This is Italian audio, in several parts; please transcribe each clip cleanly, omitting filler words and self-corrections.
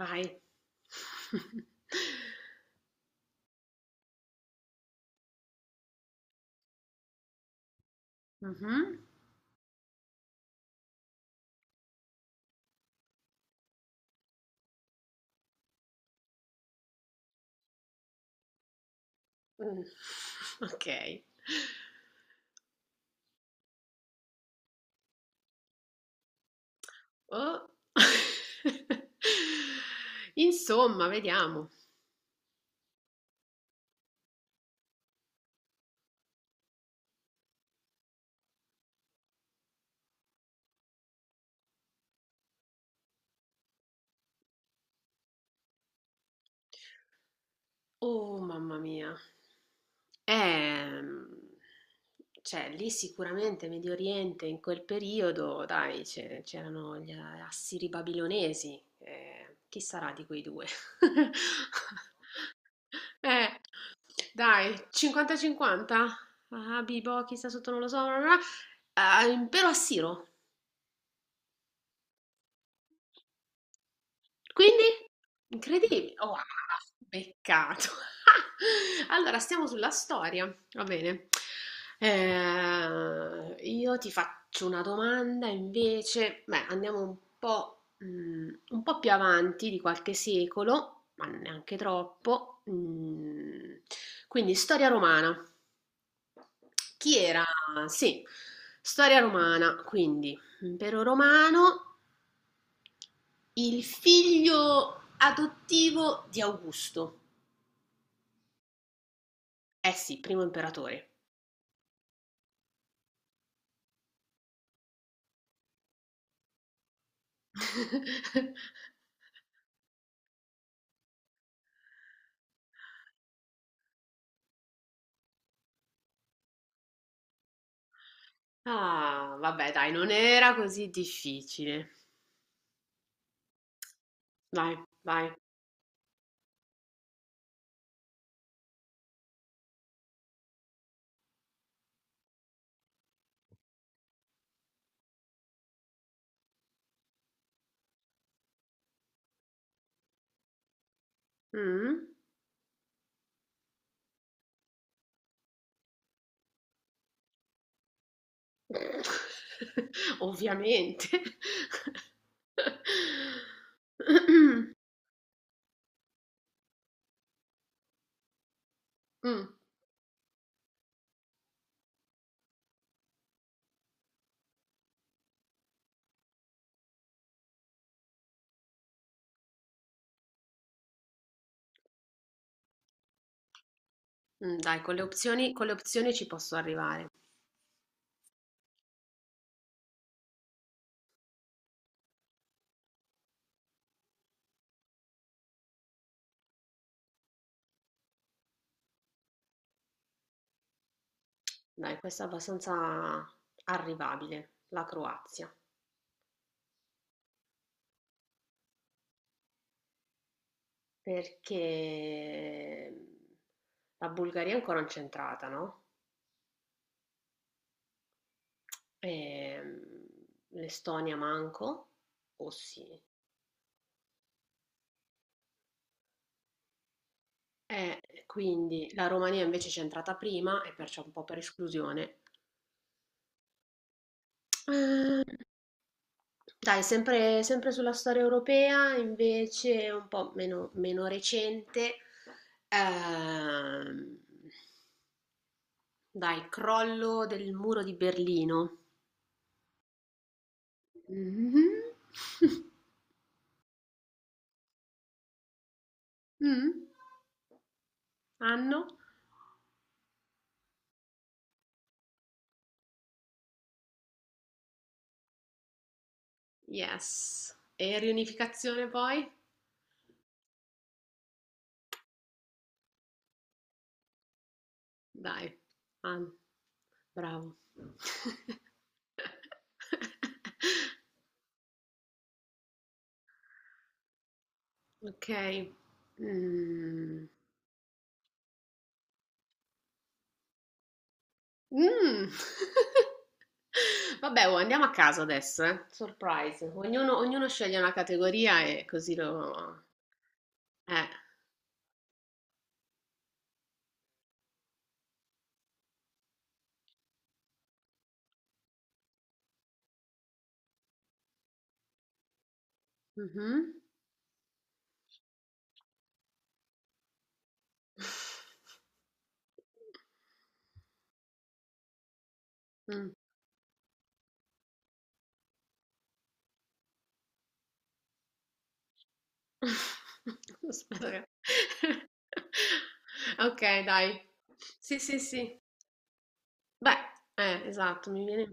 Vai. Mhm. Mm. Ok. Oh. Insomma, vediamo. Oh, mamma mia. Ehm, cioè, lì sicuramente Medio Oriente in quel periodo, dai, c'erano gli assiri babilonesi. Chi sarà di quei due? Eh, dai, 50-50? Ah, Bibo, chi sta sotto non lo so. Bla bla bla. Ah, impero assiro. Quindi? Incredibile. Wow, peccato. Allora, stiamo sulla storia. Va bene. Io ti faccio una domanda invece. Beh, andiamo un po', un po' più avanti di qualche secolo, ma neanche troppo. Quindi, storia romana. Chi era? Sì, storia romana, quindi impero romano, il figlio adottivo di Augusto. Eh sì, primo imperatore. Ah, vabbè, dai, non era così difficile. Vai, vai. Mm? Ovviamente. Mm, Dai, con le opzioni ci posso arrivare. Dai, questa è abbastanza arrivabile, la Croazia, perché la Bulgaria è ancora non c'è entrata, no? Ehm, L'Estonia manco, o sì. E quindi la Romania invece c'è entrata prima e perciò un po' per esclusione. Eh, Dai, sempre, sempre sulla storia europea, invece un po' meno, meno recente, ehm, dai, crollo del muro di Berlino. Mhm. Mm. Anno? Yes. E riunificazione poi? Dai, anno. Bravo. Ok. Mm. Mm. Vabbè, oh, andiamo a caso adesso, eh. Surprise. Ognuno sceglie una categoria e così lo. Eh. Mhm. Mh. Aspetta che Okay, dai. Sì, sì, sì. Beh, esatto, mi viene.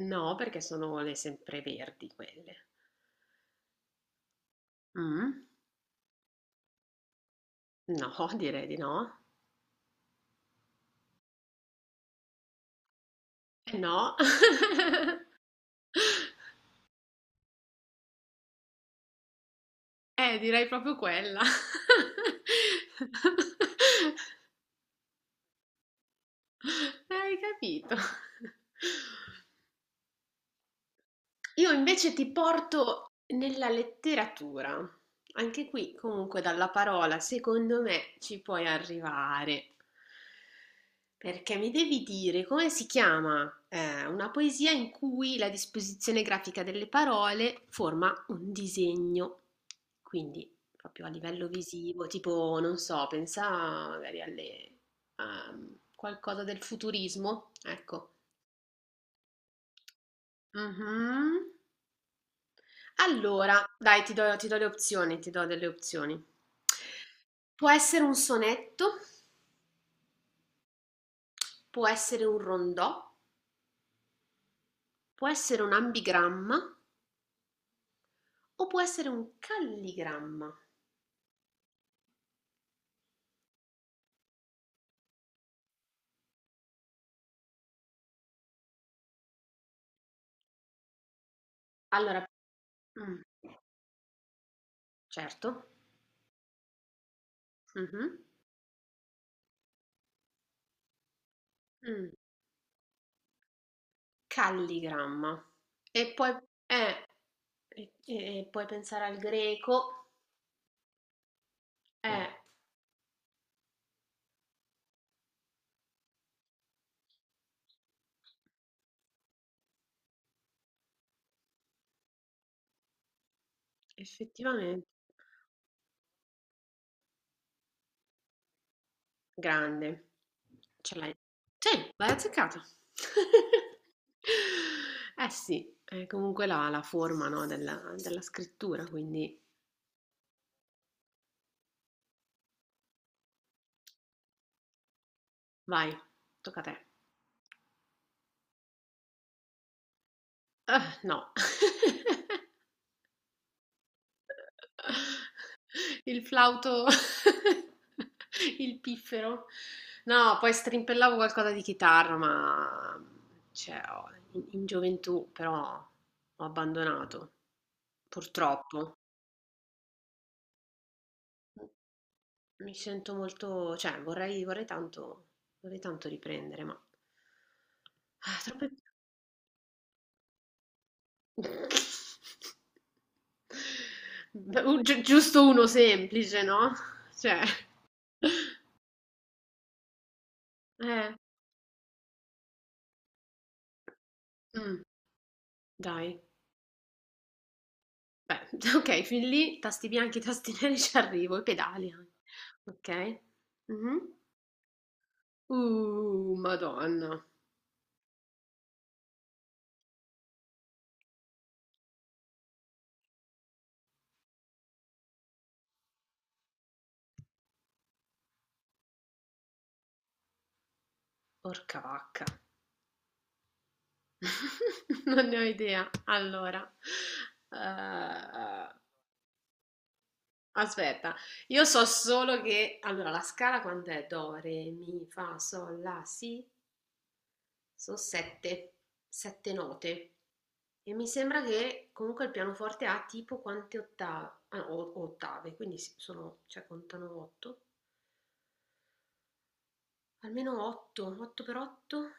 No, perché sono le sempreverdi quelle. Mh? No, direi di no. No. Direi proprio quella. Hai capito. Io invece ti porto nella letteratura. Anche qui, comunque, dalla parola, secondo me, ci puoi arrivare. Perché mi devi dire come si chiama una poesia in cui la disposizione grafica delle parole forma un disegno. Quindi, proprio a livello visivo, tipo, non so, pensa magari a qualcosa del futurismo. Ecco. Mhm. Allora, dai, ti do le opzioni, ti do delle opzioni. Può essere un sonetto, può essere un rondò, può essere un ambigramma o può essere un calligramma. Allora, mm, certo. Mhm, mm, calligramma. E poi, eh, e puoi pensare al greco. Mm. Effettivamente. Grande. Ce l'hai, sì, l'hai azzeccata. Eh sì, è comunque la forma, no, della scrittura, quindi vai, tocca a te. Ah, no. Il flauto, il piffero. No, poi strimpellavo qualcosa di chitarra, ma cioè, in gioventù però ho abbandonato, purtroppo. Mi sento molto, cioè vorrei tanto riprendere, ma troppe. Beh, giusto uno semplice, no? Cioè, eh, mm, dai, beh, ok, fin lì, tasti bianchi, tasti neri ci arrivo, i pedali anche, ok? Mhm. Madonna, porca vacca, non ne ho idea. Allora, eh, aspetta, io so solo che. Allora, la scala quant'è? Do, re, mi, fa, sol, la, si. Sono sette, sette note. E mi sembra che comunque il pianoforte ha tipo quante ottave? Ah, ottave, quindi sono, cioè contano otto. Almeno otto, 8 per 8,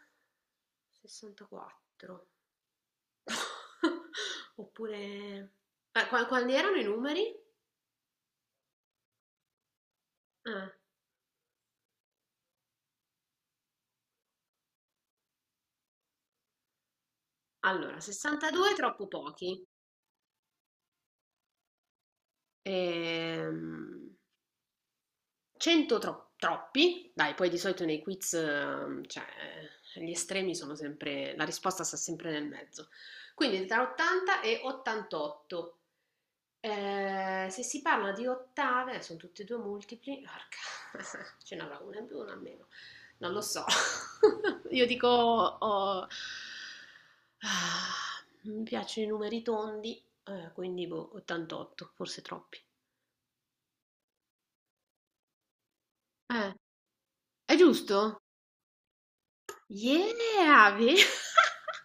64. Oppure, quali erano i numeri? Ah, allora, 62 troppo pochi. Ehm, 100 troppi, dai, poi di solito nei quiz, cioè, gli estremi sono sempre, la risposta sta sempre nel mezzo. Quindi tra 80 e 88. Se si parla di ottave, sono tutti e due multipli, porca, ce n'avrà una in più, una in meno, non lo so. Io dico, oh, ah, mi piacciono i numeri tondi, quindi boh, 88, forse troppi. Eh, è giusto? Yeah,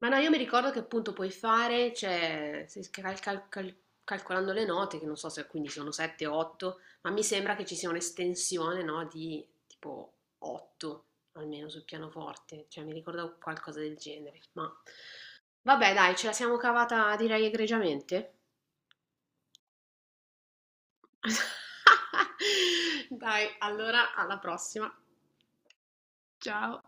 Ma no, io mi ricordo che appunto puoi fare, cioè, se calcolando le note, che non so se quindi sono 7 o 8, ma mi sembra che ci sia un'estensione, no, di tipo 8, almeno sul pianoforte, cioè mi ricordo qualcosa del genere. Ma vabbè, dai, ce la siamo cavata direi egregiamente. Dai, allora alla prossima. Ciao.